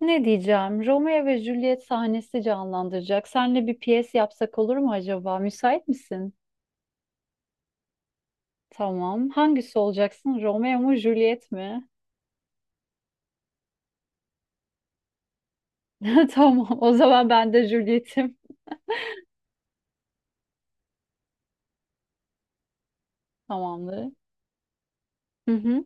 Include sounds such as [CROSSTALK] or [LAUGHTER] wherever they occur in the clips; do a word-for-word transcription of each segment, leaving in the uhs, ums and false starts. Ne diyeceğim? Romeo ve Juliet sahnesi canlandıracak. Seninle bir piyes yapsak olur mu acaba? Müsait misin? Tamam. Hangisi olacaksın? Romeo mu, Juliet mi? [LAUGHS] Tamam. O zaman ben de Juliet'im. Tamamdır. Hı hı.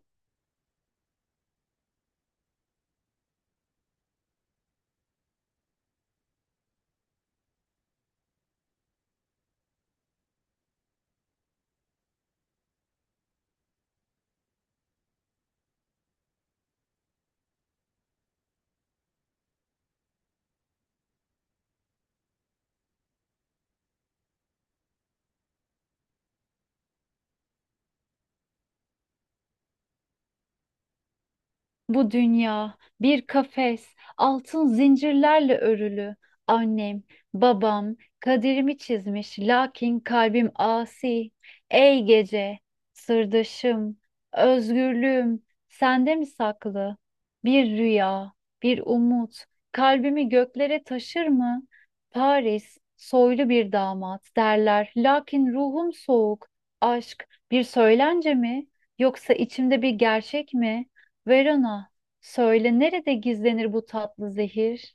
Bu dünya bir kafes, altın zincirlerle örülü. Annem, babam kaderimi çizmiş, lakin kalbim asi. Ey gece, sırdaşım, özgürlüğüm, sende mi saklı? Bir rüya, bir umut, kalbimi göklere taşır mı? Paris, soylu bir damat derler, lakin ruhum soğuk. Aşk bir söylence mi, yoksa içimde bir gerçek mi? Verona, söyle nerede gizlenir bu tatlı zehir?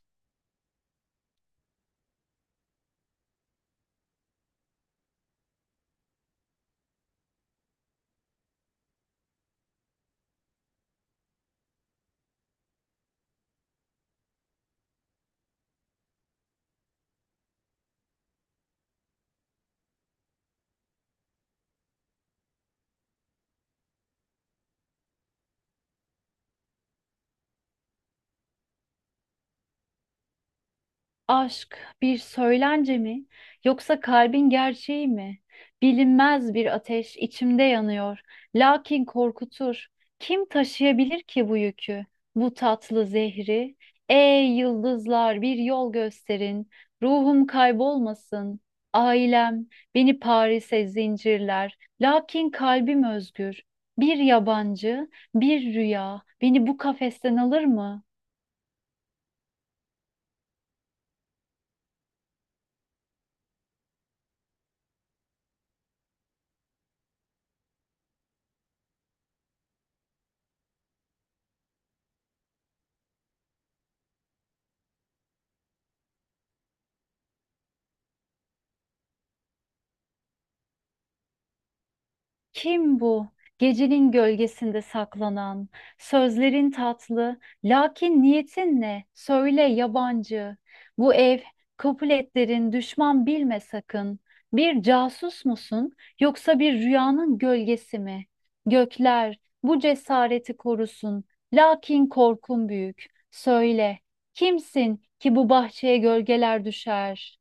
Aşk bir söylence mi yoksa kalbin gerçeği mi? Bilinmez bir ateş içimde yanıyor. Lakin korkutur. Kim taşıyabilir ki bu yükü? Bu tatlı zehri. Ey yıldızlar bir yol gösterin. Ruhum kaybolmasın. Ailem beni Paris'e zincirler. Lakin kalbim özgür. Bir yabancı, bir rüya beni bu kafesten alır mı? Kim bu? Gecenin gölgesinde saklanan, sözlerin tatlı, lakin niyetin ne? Söyle yabancı. Bu ev, Capuletlerin düşman bilme sakın. Bir casus musun, yoksa bir rüyanın gölgesi mi? Gökler, bu cesareti korusun, lakin korkun büyük. Söyle, kimsin ki bu bahçeye gölgeler düşer?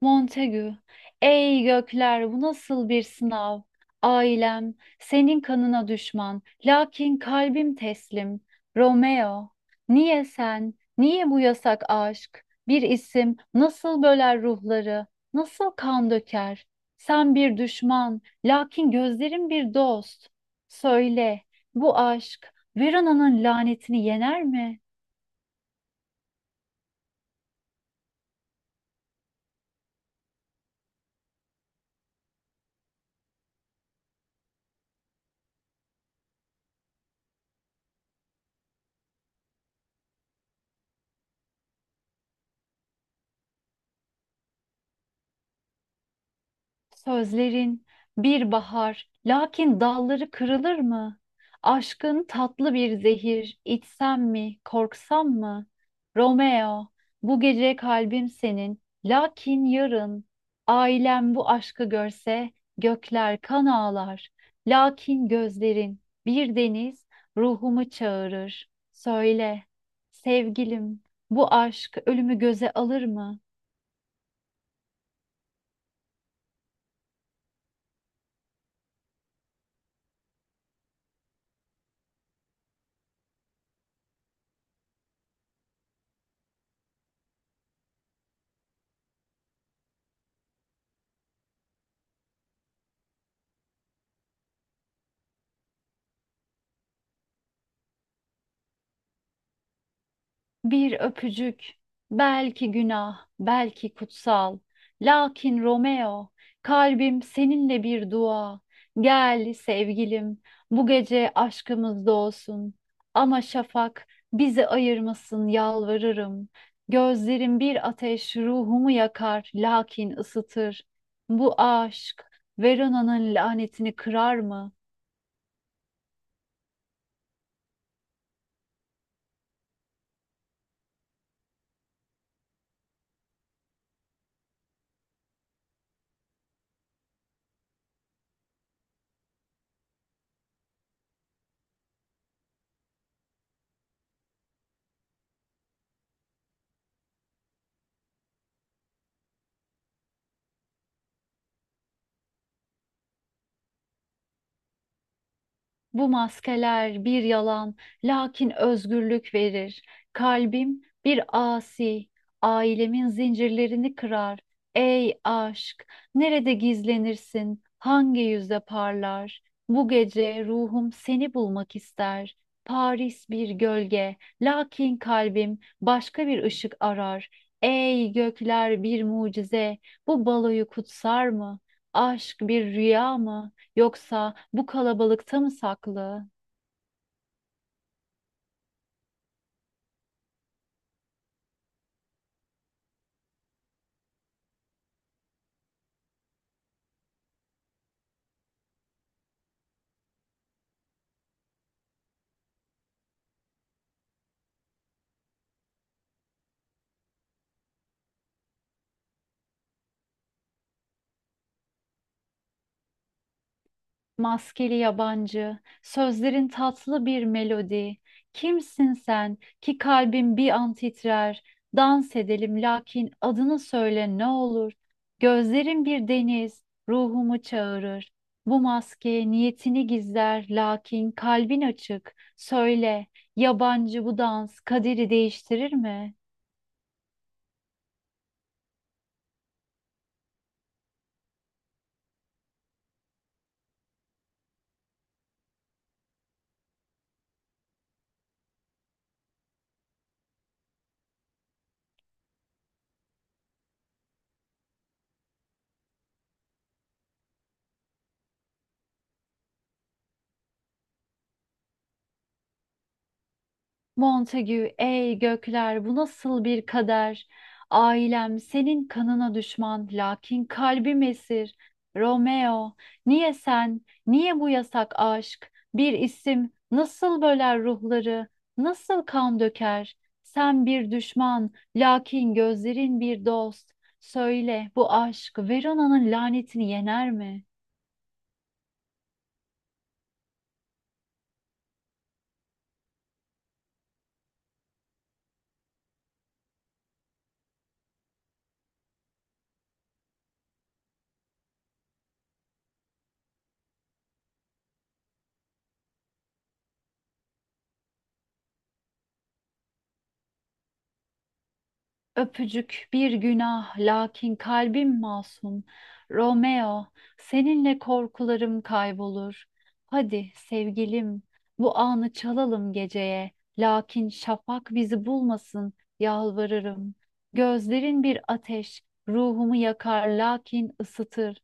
Montagu, ey gökler bu nasıl bir sınav? Ailem, senin kanına düşman, lakin kalbim teslim. Romeo, niye sen, niye bu yasak aşk? Bir isim nasıl böler ruhları, nasıl kan döker? Sen bir düşman, lakin gözlerim bir dost. Söyle, bu aşk Verona'nın lanetini yener mi? Sözlerin bir bahar, lakin dalları kırılır mı? Aşkın tatlı bir zehir, içsem mi, korksam mı? Romeo, bu gece kalbim senin, lakin yarın ailem bu aşkı görse gökler kan ağlar. Lakin gözlerin bir deniz ruhumu çağırır. Söyle, sevgilim, bu aşk ölümü göze alır mı? Bir öpücük, belki günah, belki kutsal. Lakin Romeo, kalbim seninle bir dua. Gel sevgilim, bu gece aşkımız doğsun. Ama şafak bizi ayırmasın yalvarırım. Gözlerim bir ateş ruhumu yakar, lakin ısıtır. Bu aşk Verona'nın lanetini kırar mı? Bu maskeler bir yalan, lakin özgürlük verir. Kalbim bir asi, ailemin zincirlerini kırar. Ey aşk, nerede gizlenirsin, hangi yüzde parlar? Bu gece ruhum seni bulmak ister. Paris bir gölge, lakin kalbim başka bir ışık arar. Ey gökler bir mucize, bu baloyu kutsar mı? Aşk bir rüya mı? Yoksa bu kalabalıkta mı saklı? Maskeli yabancı, sözlerin tatlı bir melodi. Kimsin sen ki kalbim bir an titrer? Dans edelim lakin adını söyle ne olur. Gözlerin bir deniz, ruhumu çağırır. Bu maske niyetini gizler lakin kalbin açık. Söyle, yabancı bu dans kaderi değiştirir mi? Montague, ey gökler bu nasıl bir kader? Ailem senin kanına düşman, lakin kalbim esir. Romeo, niye sen, niye bu yasak aşk? Bir isim nasıl böler ruhları, nasıl kan döker? Sen bir düşman, lakin gözlerin bir dost. Söyle, bu aşk Verona'nın lanetini yener mi? Öpücük bir günah, lakin kalbim masum. Romeo, seninle korkularım kaybolur. Hadi sevgilim, bu anı çalalım geceye. Lakin şafak bizi bulmasın, yalvarırım. Gözlerin bir ateş, ruhumu yakar lakin ısıtır.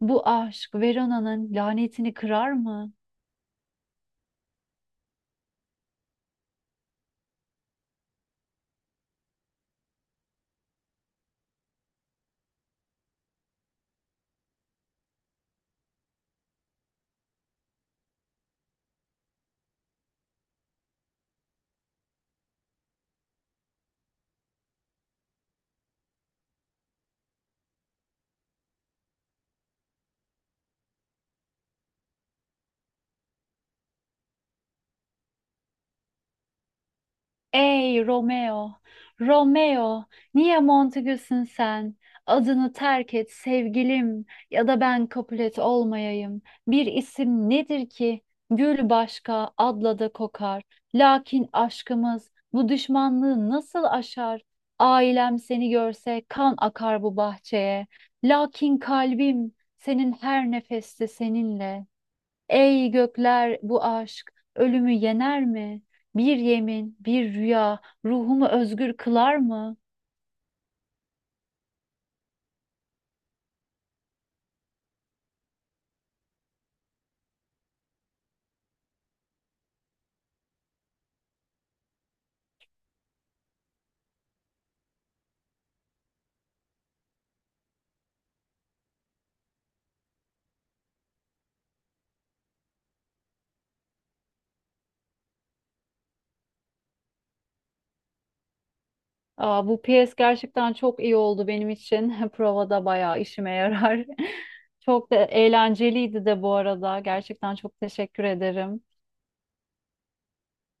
Bu aşk Verona'nın lanetini kırar mı? Ey Romeo, Romeo, niye Montegüs'ün sen? Adını terk et sevgilim ya da ben Capulet olmayayım. Bir isim nedir ki? Gül başka, adla da kokar. Lakin aşkımız bu düşmanlığı nasıl aşar? Ailem seni görse kan akar bu bahçeye. Lakin kalbim senin her nefeste seninle. Ey gökler bu aşk ölümü yener mi? Bir yemin, bir rüya ruhumu özgür kılar mı? Aa, bu piyes gerçekten çok iyi oldu benim için. [LAUGHS] Provada bayağı işime yarar. [LAUGHS] Çok da eğlenceliydi de bu arada. Gerçekten çok teşekkür ederim.